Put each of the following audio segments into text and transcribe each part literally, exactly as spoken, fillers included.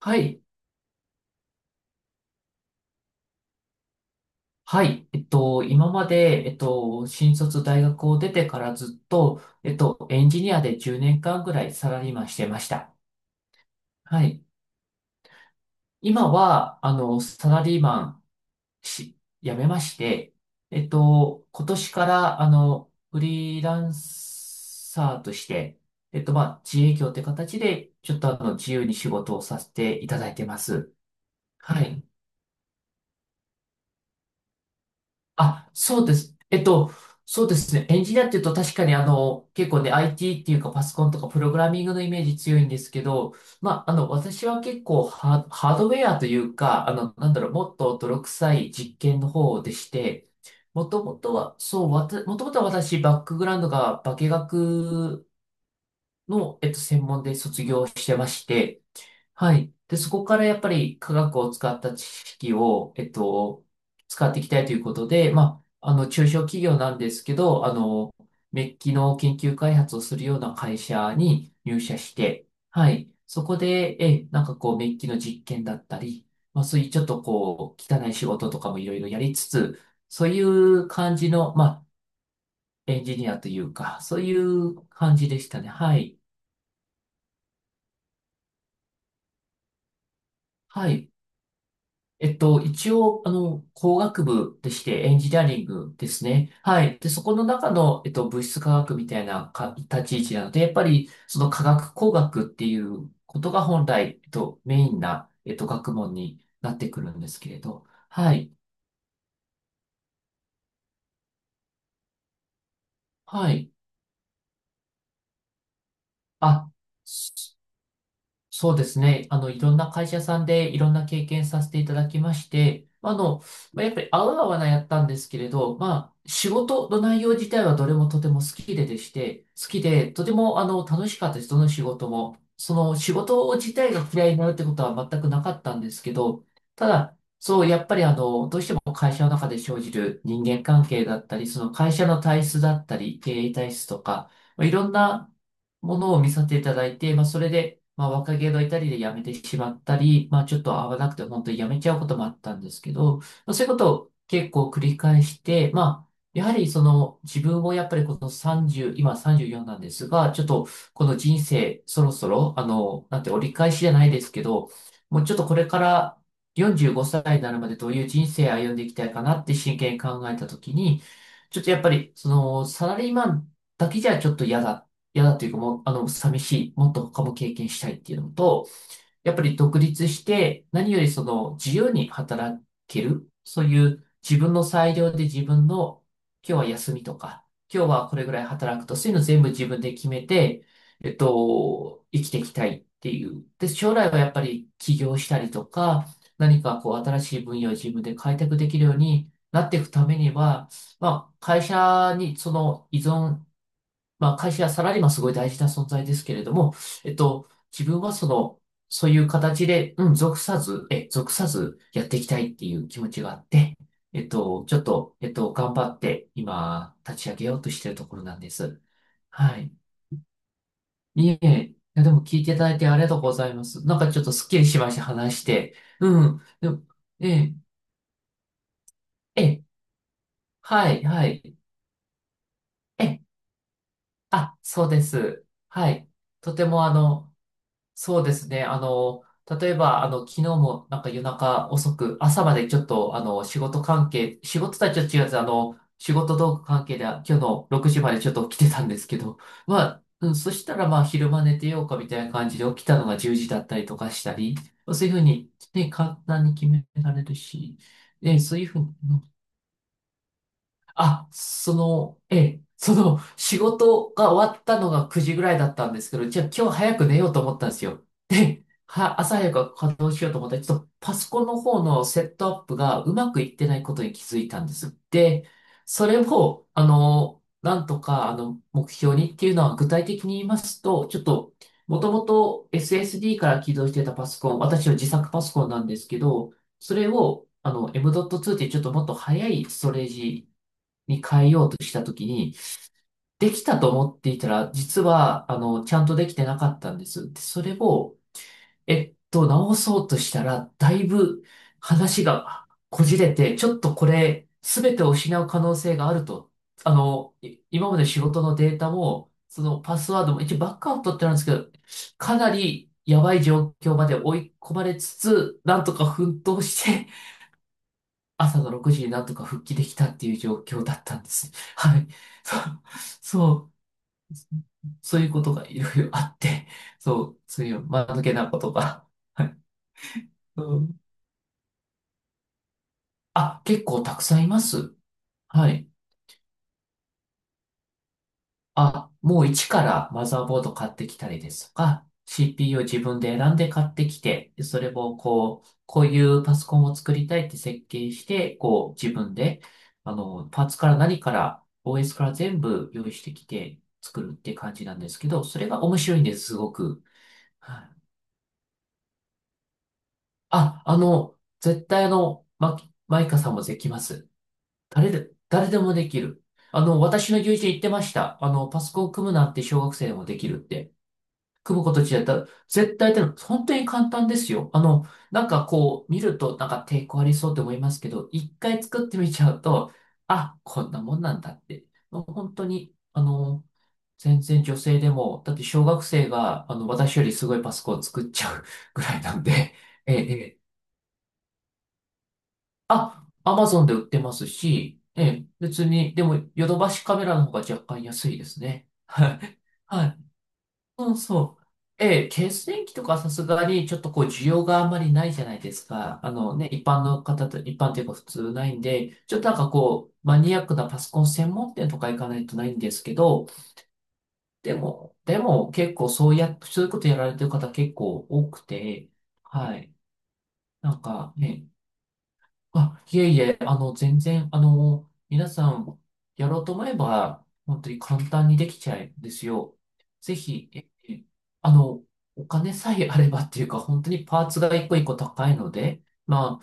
はい。はい。えっと、今まで、えっと、新卒大学を出てからずっと、えっと、エンジニアでじゅうねんかんぐらいサラリーマンしてました。はい。今は、あの、サラリーマンし、辞めまして、えっと、今年から、あの、フリーランサーとして、えっと、まあ、自営業って形で、ちょっとあの、自由に仕事をさせていただいてます。はい。あ、そうです。えっと、そうですね。エンジニアっていうと確かにあの、結構ね、アイティー っていうかパソコンとかプログラミングのイメージ強いんですけど、まあ、あの、私は結構ハ、ハードウェアというか、あの、なんだろう、もっと泥臭い実験の方でして、もともとは、そう、わた、もともとは私、バックグラウンドが化学の、えっと、専門で卒業してまして、はい。で、そこからやっぱり科学を使った知識を、えっと、使っていきたいということで、まあ、あの、中小企業なんですけど、あの、メッキの研究開発をするような会社に入社して、はい。そこで、え、なんかこう、メッキの実験だったり、まあ、そういうちょっとこう、汚い仕事とかもいろいろやりつつ、そういう感じの、まあ、エンジニアというか、そういう感じでしたね。はい。はい。えっと、一応、あの、工学部でして、エンジニアリングですね。はい。で、そこの中の、えっと、物質科学みたいなか立ち位置なので、やっぱり、その科学工学っていうことが本来、えっと、メインな、えっと、学問になってくるんですけれど。はい。はい。あ、そうですね。あの、いろんな会社さんでいろんな経験させていただきまして、あの、まあ、やっぱり合う合わないやったんですけれど、まあ、仕事の内容自体はどれもとても好きででして、好きで、とてもあの、楽しかったです。どの仕事も。その仕事自体が嫌いになるってことは全くなかったんですけど、ただ、そう、やっぱりあの、どうしても会社の中で生じる人間関係だったり、その会社の体質だったり、経営体質とか、まあいろんなものを見させていただいて、まあ、それで、まあ、若気の至りで辞めてしまったり、まあ、ちょっと合わなくて本当に辞めちゃうこともあったんですけど、まあ、そういうことを結構繰り返して、まあ、やはりその自分もやっぱりこのさんじゅう、今さんじゅうよんなんですが、ちょっとこの人生そろそろ、あの、なんて折り返しじゃないですけど、もうちょっとこれからよんじゅうごさいになるまでどういう人生歩んでいきたいかなって真剣に考えたときに、ちょっとやっぱりそのサラリーマンだけじゃちょっと嫌だ嫌だというかもう、あの、寂しい、もっと他も経験したいっていうのと、やっぱり独立して、何よりその自由に働ける、そういう自分の裁量で自分の、今日は休みとか、今日はこれぐらい働くと、そういうの全部自分で決めて、えっと、生きていきたいっていう。で、将来はやっぱり起業したりとか、何かこう新しい分野を自分で開拓できるようになっていくためには、まあ、会社にその依存まあ、会社やサラリーマンすごい大事な存在ですけれども、えっと、自分はその、そういう形で、うん、属さず、え、属さずやっていきたいっていう気持ちがあって、えっと、ちょっと、えっと、頑張って今、立ち上げようとしているところなんです。はい。いえいえ、いやでも聞いていただいてありがとうございます。なんかちょっとすっきりしました、話して。うん。でも、ええ、ええ、はい、はい。ええ、あ、そうです。はい。とてもあの、そうですね。あの、例えば、あの、昨日もなんか夜中遅く、朝までちょっと、あの、仕事関係、仕事とはちょっと違うんです。あの、仕事道具関係で今日のろくじまでちょっと起きてたんですけど、まあ、うん、そしたらまあ、昼間寝てようかみたいな感じで起きたのがじゅうじだったりとかしたり、そういうふうに、ね、簡単に決められるし、ね、そういうふうに、あ、その、ええ、その、仕事が終わったのがくじぐらいだったんですけど、じゃあ今日早く寝ようと思ったんですよ。で、は、朝早く稼働しようと思ったら、ちょっとパソコンの方のセットアップがうまくいってないことに気づいたんです。で、それを、あの、なんとか、あの、目標にっていうのは具体的に言いますと、ちょっと、もともと エスエスディー から起動してたパソコン、私の自作パソコンなんですけど、それを、あの、M.ツー っていうちょっともっと早いストレージに変えようとしたときに、できたと思っていたら、実は、あの、ちゃんとできてなかったんです。で、それを、えっと、直そうとしたら、だいぶ話がこじれて、ちょっとこれ、すべてを失う可能性があると。あの、い今まで仕事のデータも、そのパスワードも、一応バックアウトってなんですけど、かなりやばい状況まで追い込まれつつ、なんとか奮闘して、朝のろくじになんとか復帰できたっていう状況だったんですね。はい。そう、そう、そういうことがいろいろあって、そう、そういう間抜けなことが。はい。うん、あ、結構たくさんいます。はい。あ、もう一からマザーボード買ってきたりですとか、シーピーユー を自分で選んで買ってきて、それをこう、こういうパソコンを作りたいって設計して、こう自分で、あの、パーツから何から オーエス から全部用意してきて作るって感じなんですけど、それが面白いんです、すごく。はい。あ、あの、絶対あの、ま、マイカさんもできます。誰で、誰でもできる。あの、私の友人言ってました。あの、パソコン組むなんて小学生でもできるって。組むこと自だったら、絶対ってのは本当に簡単ですよ。あの、なんかこう、見るとなんか抵抗ありそうって思いますけど、一回作ってみちゃうと、あ、こんなもんなんだって。もう本当に、あの、全然女性でも、だって小学生が、あの、私よりすごいパソコンを作っちゃう ぐらいなんで、ええ、ええ、あ、アマゾンで売ってますし、ええ、別に、でも、ヨドバシカメラの方が若干安いですね。はい。はい。そうそう。ええ、血電気とかさすがにちょっとこう需要があんまりないじゃないですか。あのね、一般の方と、一般というか普通ないんで、ちょっとなんかこう、マニアックなパソコン専門店とか行かないとないんですけど、でも、でも結構そうや、そういうことやられてる方結構多くて、はい。なんかね、あ、いえいえ、あの、全然、あの、皆さん、やろうと思えば、本当に簡単にできちゃうんですよ。ぜひ、ええ。あの、お金さえあればっていうか、本当にパーツが一個一個高いので、ま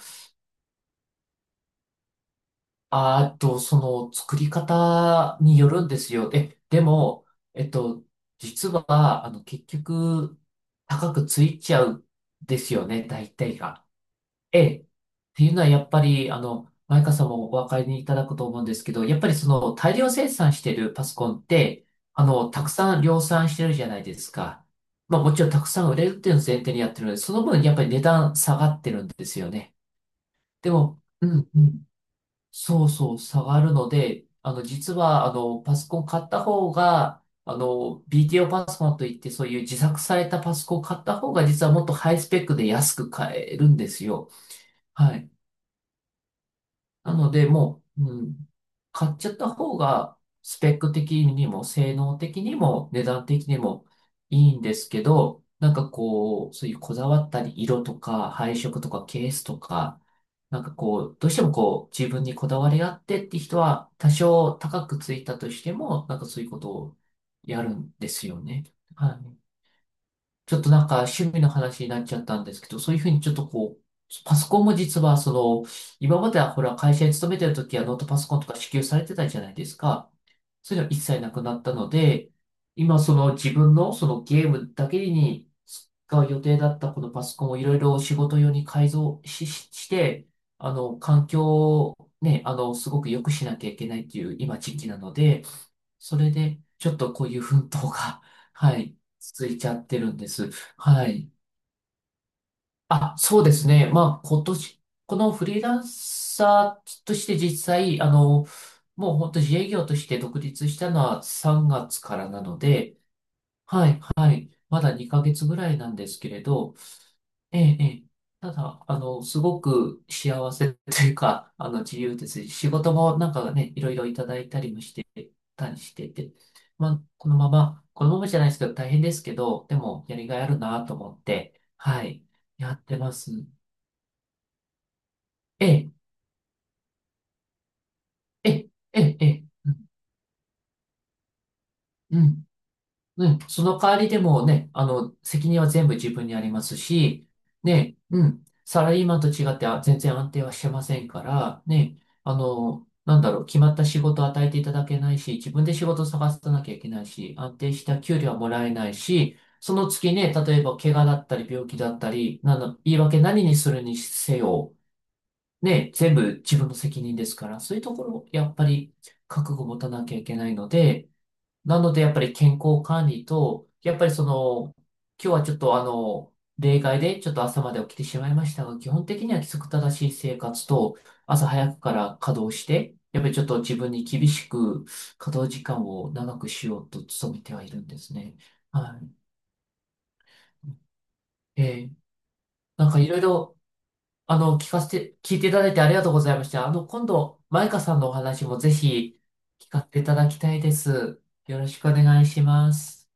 あ、あーっと、その、作り方によるんですよ。え、でも、えっと、実は、あの、結局、高くついちゃうんですよね、大体が。ええ。っていうのはやっぱり、あの、マイカさんもお分かりいただくと思うんですけど、やっぱりその大量生産してるパソコンって、あの、たくさん量産してるじゃないですか。まあもちろんたくさん売れるっていうのを前提にやってるので、その分やっぱり値段下がってるんですよね。でも、うんうん。そうそう、下がるので、あの、実は、あの、パソコン買った方が、あの、ビーティーオー パソコンといって、そういう自作されたパソコン買った方が、実はもっとハイスペックで安く買えるんですよ。はい。なので、もう、うん、買っちゃった方が、スペック的にも、性能的にも、値段的にもいいんですけど、なんかこう、そういうこだわったり、色とか、配色とか、ケースとか、なんかこう、どうしてもこう、自分にこだわりがあってって人は、多少高くついたとしても、なんかそういうことをやるんですよね。はい。ちょっとなんか趣味の話になっちゃったんですけど、そういうふうにちょっとこう、パソコンも実はその、今まではほら会社に勤めてる時はノートパソコンとか支給されてたじゃないですか。そういうの一切なくなったので、今その自分のそのゲームだけに使う予定だったこのパソコンをいろいろ仕事用に改造し、しして、あの、環境をね、あの、すごく良くしなきゃいけないっていう今時期なので、それで、ちょっとこういう奮闘が、はい、続いちゃってるんです。はい。あ、そうですね。まあ、今年、このフリーランサーとして実際、あの、もう本当自営業として独立したのはさんがつからなので、はい、まだにかげつぐらいなんですけれど、ええ、ええ。ただ、あの、すごく幸せというか、あの、自由ですし、仕事もなんかね、いろいろいただいたりもしてたりしてて、まあ、このまま、このままじゃないですけど、大変ですけど、でも、やりがいあるなと思って、はい、やってます。ええ、ええ、ええ、ええ、うん、うん。うん、その代わりでもね、あの、責任は全部自分にありますし、ね、うん、サラリーマンと違ってあ全然安定はしてませんから、ね、あの、なんだろう、決まった仕事を与えていただけないし、自分で仕事を探さなきゃいけないし、安定した給料はもらえないし、その月ね、例えば怪我だったり病気だったり、なの、言い訳何にするにせよ、ね、全部自分の責任ですから、そういうところ、やっぱり覚悟を持たなきゃいけないので、なので、やっぱり健康管理と、やっぱりその、今日はちょっとあの、例外でちょっと朝まで起きてしまいましたが、基本的には規則正しい生活と、朝早くから稼働して、やっぱりちょっと自分に厳しく稼働時間を長くしようと努めてはいるんですね。はい。えーなんかいろいろ、あの、聞かせて、聞いていただいてありがとうございました。あの、今度、マイカさんのお話もぜひ聞かせていただきたいです。よろしくお願いします。